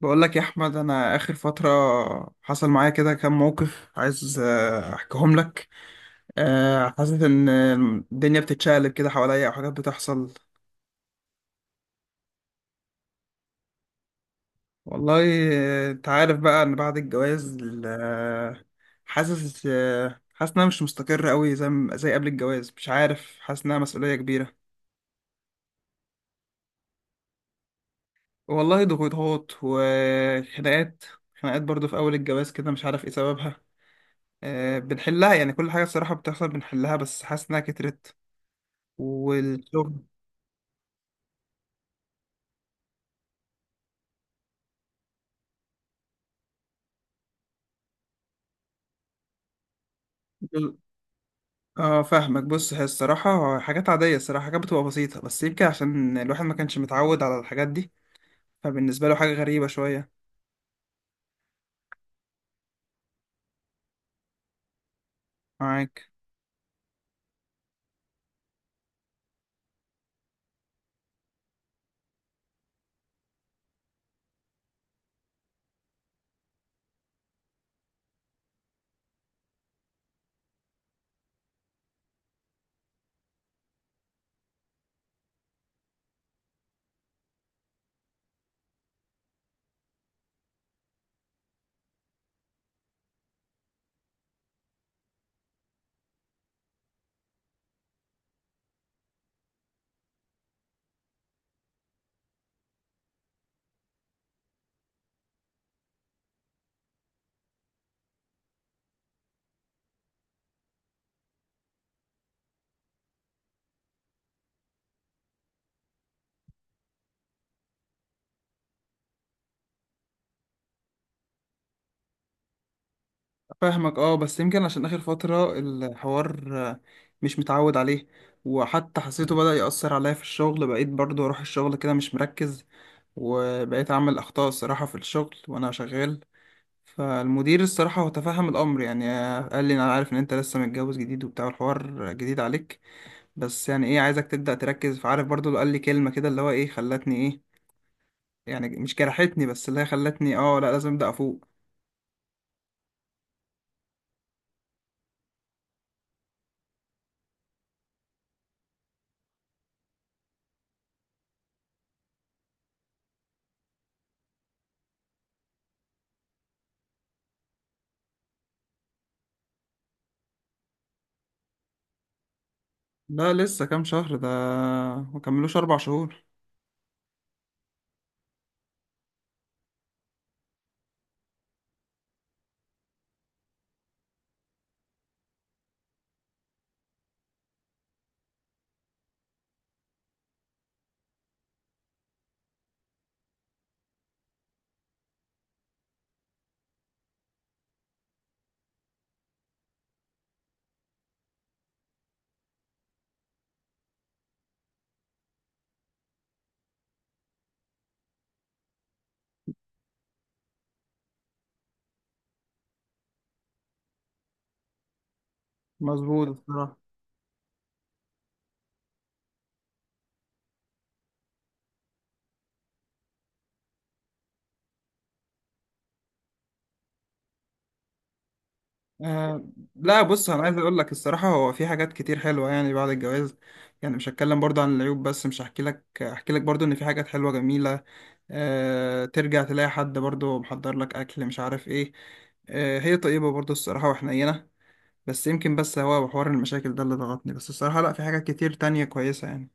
بقول لك يا احمد، انا اخر فتره حصل معايا كده كام موقف عايز احكيهم لك. حاسس ان الدنيا بتتشقلب كده حواليا او حاجات بتحصل. والله انت عارف بقى ان بعد الجواز، آه، حاسس، حاسس انها مش مستقره قوي زي قبل الجواز، مش عارف، حاسس انها مسؤوليه كبيره. والله ضغوطات وخناقات، خناقات برضو في اول الجواز كده، مش عارف ايه سببها. بنحلها يعني، كل حاجه الصراحه بتحصل بنحلها، بس حاسس انها كترت. والشغل. اه فاهمك. بص، هي الصراحة حاجات عادية، الصراحة حاجات بتبقى بسيطة، بس يمكن عشان الواحد ما كانش متعود على الحاجات دي، فبالنسبة له حاجة غريبة شوية. معاك. فاهمك اه. بس يمكن عشان آخر فترة الحوار مش متعود عليه، وحتى حسيته بدأ يأثر عليا في الشغل، بقيت برضو أروح الشغل كده مش مركز، وبقيت أعمل أخطاء الصراحة في الشغل وأنا شغال. فالمدير الصراحة هو تفهم الأمر يعني، قال لي أنا عارف إن أنت لسه متجوز جديد وبتاع الحوار جديد عليك، بس يعني ايه عايزك تبدأ تركز. فعارف برضو اللي قال لي كلمة كده اللي هو ايه خلتني ايه، يعني مش جرحتني، بس اللي هي خلتني اه لا لازم ابدأ افوق. لا لسه كام شهر ده، ما كملوش اربع شهور. مظبوط الصراحة. آه لا بص، انا عايز اقول لك الصراحة هو في حاجات كتير حلوة يعني بعد الجواز، يعني مش هتكلم برضو عن العيوب بس، مش هحكي لك، احكي لك برضو ان في حاجات حلوة جميلة. آه ترجع تلاقي حد برضو محضر لك اكل، مش عارف ايه. آه هي طيبة برضو الصراحة وحنينة. بس يمكن، بس هو حوار المشاكل ده اللي ضغطني، بس الصراحة لا، في حاجات كتير تانية كويسة يعني.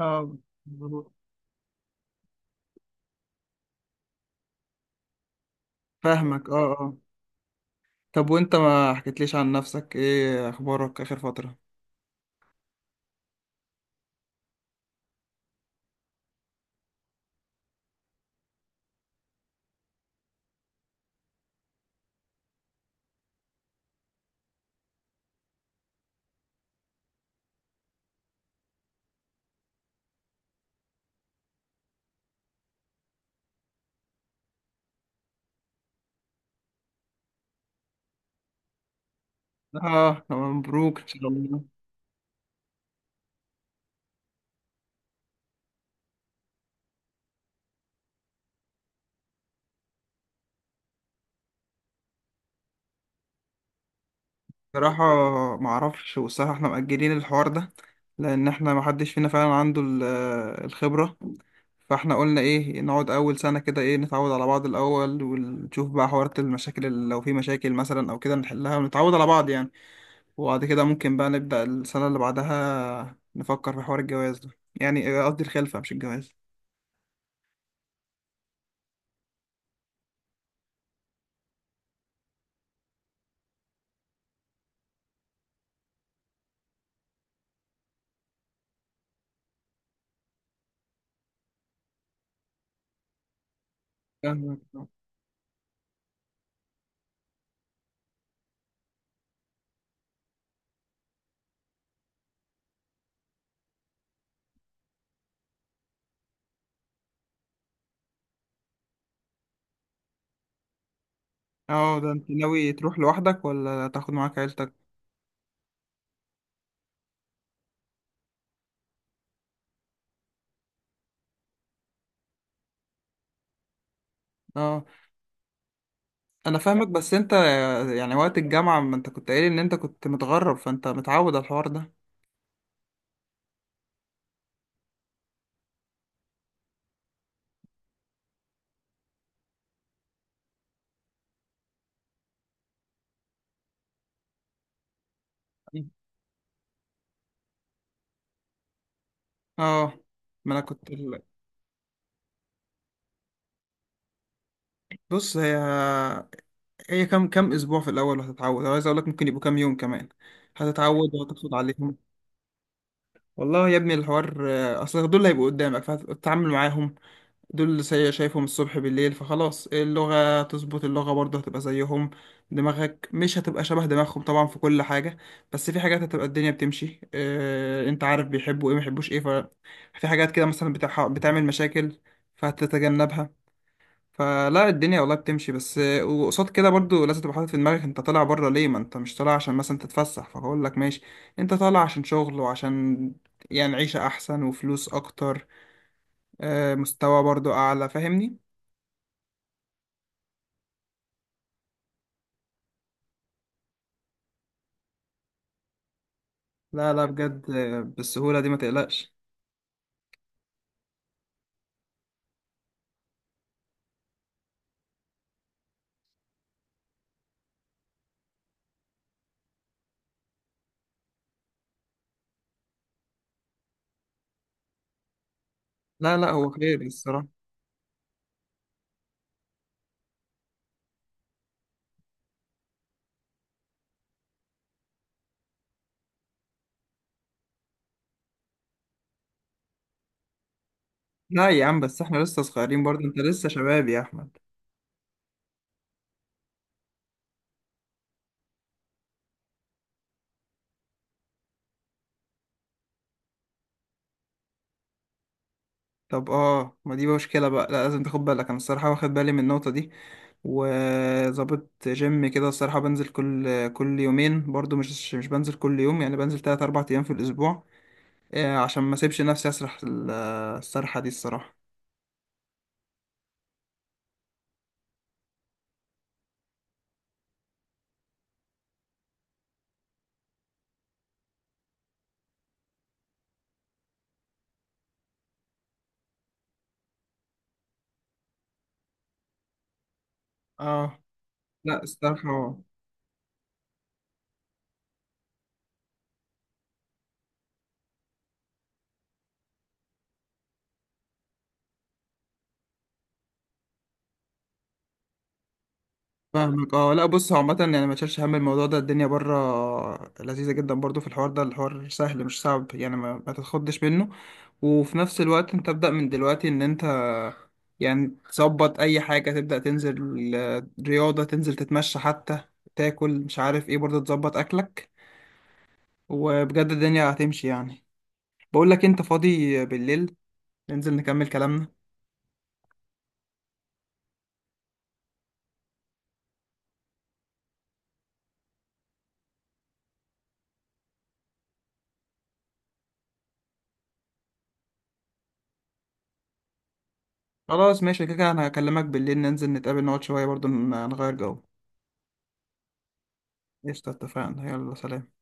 اه مظبوط. فاهمك اه اه. طب وانت ما حكيتليش عن نفسك، ايه اخبارك اخر فترة؟ اه مبروك ان شاء الله. بصراحة ما اعرفش، والصراحة احنا مأجلين الحوار ده، لان احنا ما حدش فينا فعلا عنده الخبرة. فاحنا قلنا ايه، نقعد اول سنة كده، ايه، نتعود على بعض الاول، ونشوف بقى حوارات المشاكل، اللي لو في مشاكل مثلا او كده نحلها، ونتعود على بعض يعني. وبعد كده ممكن بقى نبدأ السنة اللي بعدها نفكر في حوار الجواز ده، يعني قصدي الخلفة مش الجواز. فاهمك اه. ده انت ناوي تروح لوحدك ولا تاخد معاك عيلتك؟ اه انا فاهمك، بس انت يعني وقت الجامعة ما انت كنت قايل ان انت كنت متغرب، فانت متعود على الحوار ده. اه ما انا كنت بص، هي كام، كام اسبوع في الاول وهتتعود، أنا عايز اقول لك ممكن يبقوا كام يوم كمان، هتتعود وهتاخد عليهم. والله يا ابني الحوار اصل دول اللي هيبقوا قدامك فهتتعامل معاهم، دول اللي شايفهم الصبح بالليل، فخلاص اللغة تظبط، اللغة برضه هتبقى زيهم. دماغك مش هتبقى شبه دماغهم طبعا في كل حاجة، بس في حاجات هتبقى الدنيا بتمشي. اه انت عارف بيحبوا ايه، ما بيحبوش ايه، ففي حاجات كده مثلا بتعمل مشاكل فهتتجنبها. فلا الدنيا والله بتمشي، بس وقصاد كده برضه لازم تبقى حاطط في دماغك انت طالع بره ليه. ما انت مش طالع عشان مثلا تتفسح فاقول لك ماشي، انت طالع عشان شغل وعشان يعني عيشة احسن وفلوس اكتر، مستوى برضه اعلى، فاهمني. لا لا بجد، بالسهولة دي ما تقلقش. لا لا هو خير الصراحة. لا يا عم، بس احنا لسه صغيرين برضه، انت لسه شباب يا احمد. طب اه، ما دي مشكلة بقى، لا لازم تاخد بالك، انا الصراحة واخد بالي من النقطة دي، وظابط جيم كده الصراحة، بنزل كل يومين برضه، مش بنزل كل يوم، يعني بنزل تلات اربع ايام في الاسبوع، عشان ما اسيبش نفسي اسرح السرحة دي الصراحة. اه لا الصراحة. فاهمك اه. لا بص هو عامة يعني، ما تشيلش هم الموضوع ده، الدنيا بره لذيذة جدا برضو، في الحوار ده الحوار سهل مش صعب يعني، ما تتخضش منه. وفي نفس الوقت انت ابدأ من دلوقتي ان انت يعني تظبط اي حاجة، تبدأ تنزل رياضة، تنزل تتمشى حتى، تاكل مش عارف ايه، برضو تظبط اكلك، وبجد الدنيا هتمشي يعني. بقول لك انت فاضي بالليل؟ ننزل نكمل كلامنا. خلاص ماشي، كده كده انا هكلمك بالليل، ننزل نتقابل نقعد شوية برضو نغير جو. قشطة، اتفقنا، يلا سلام.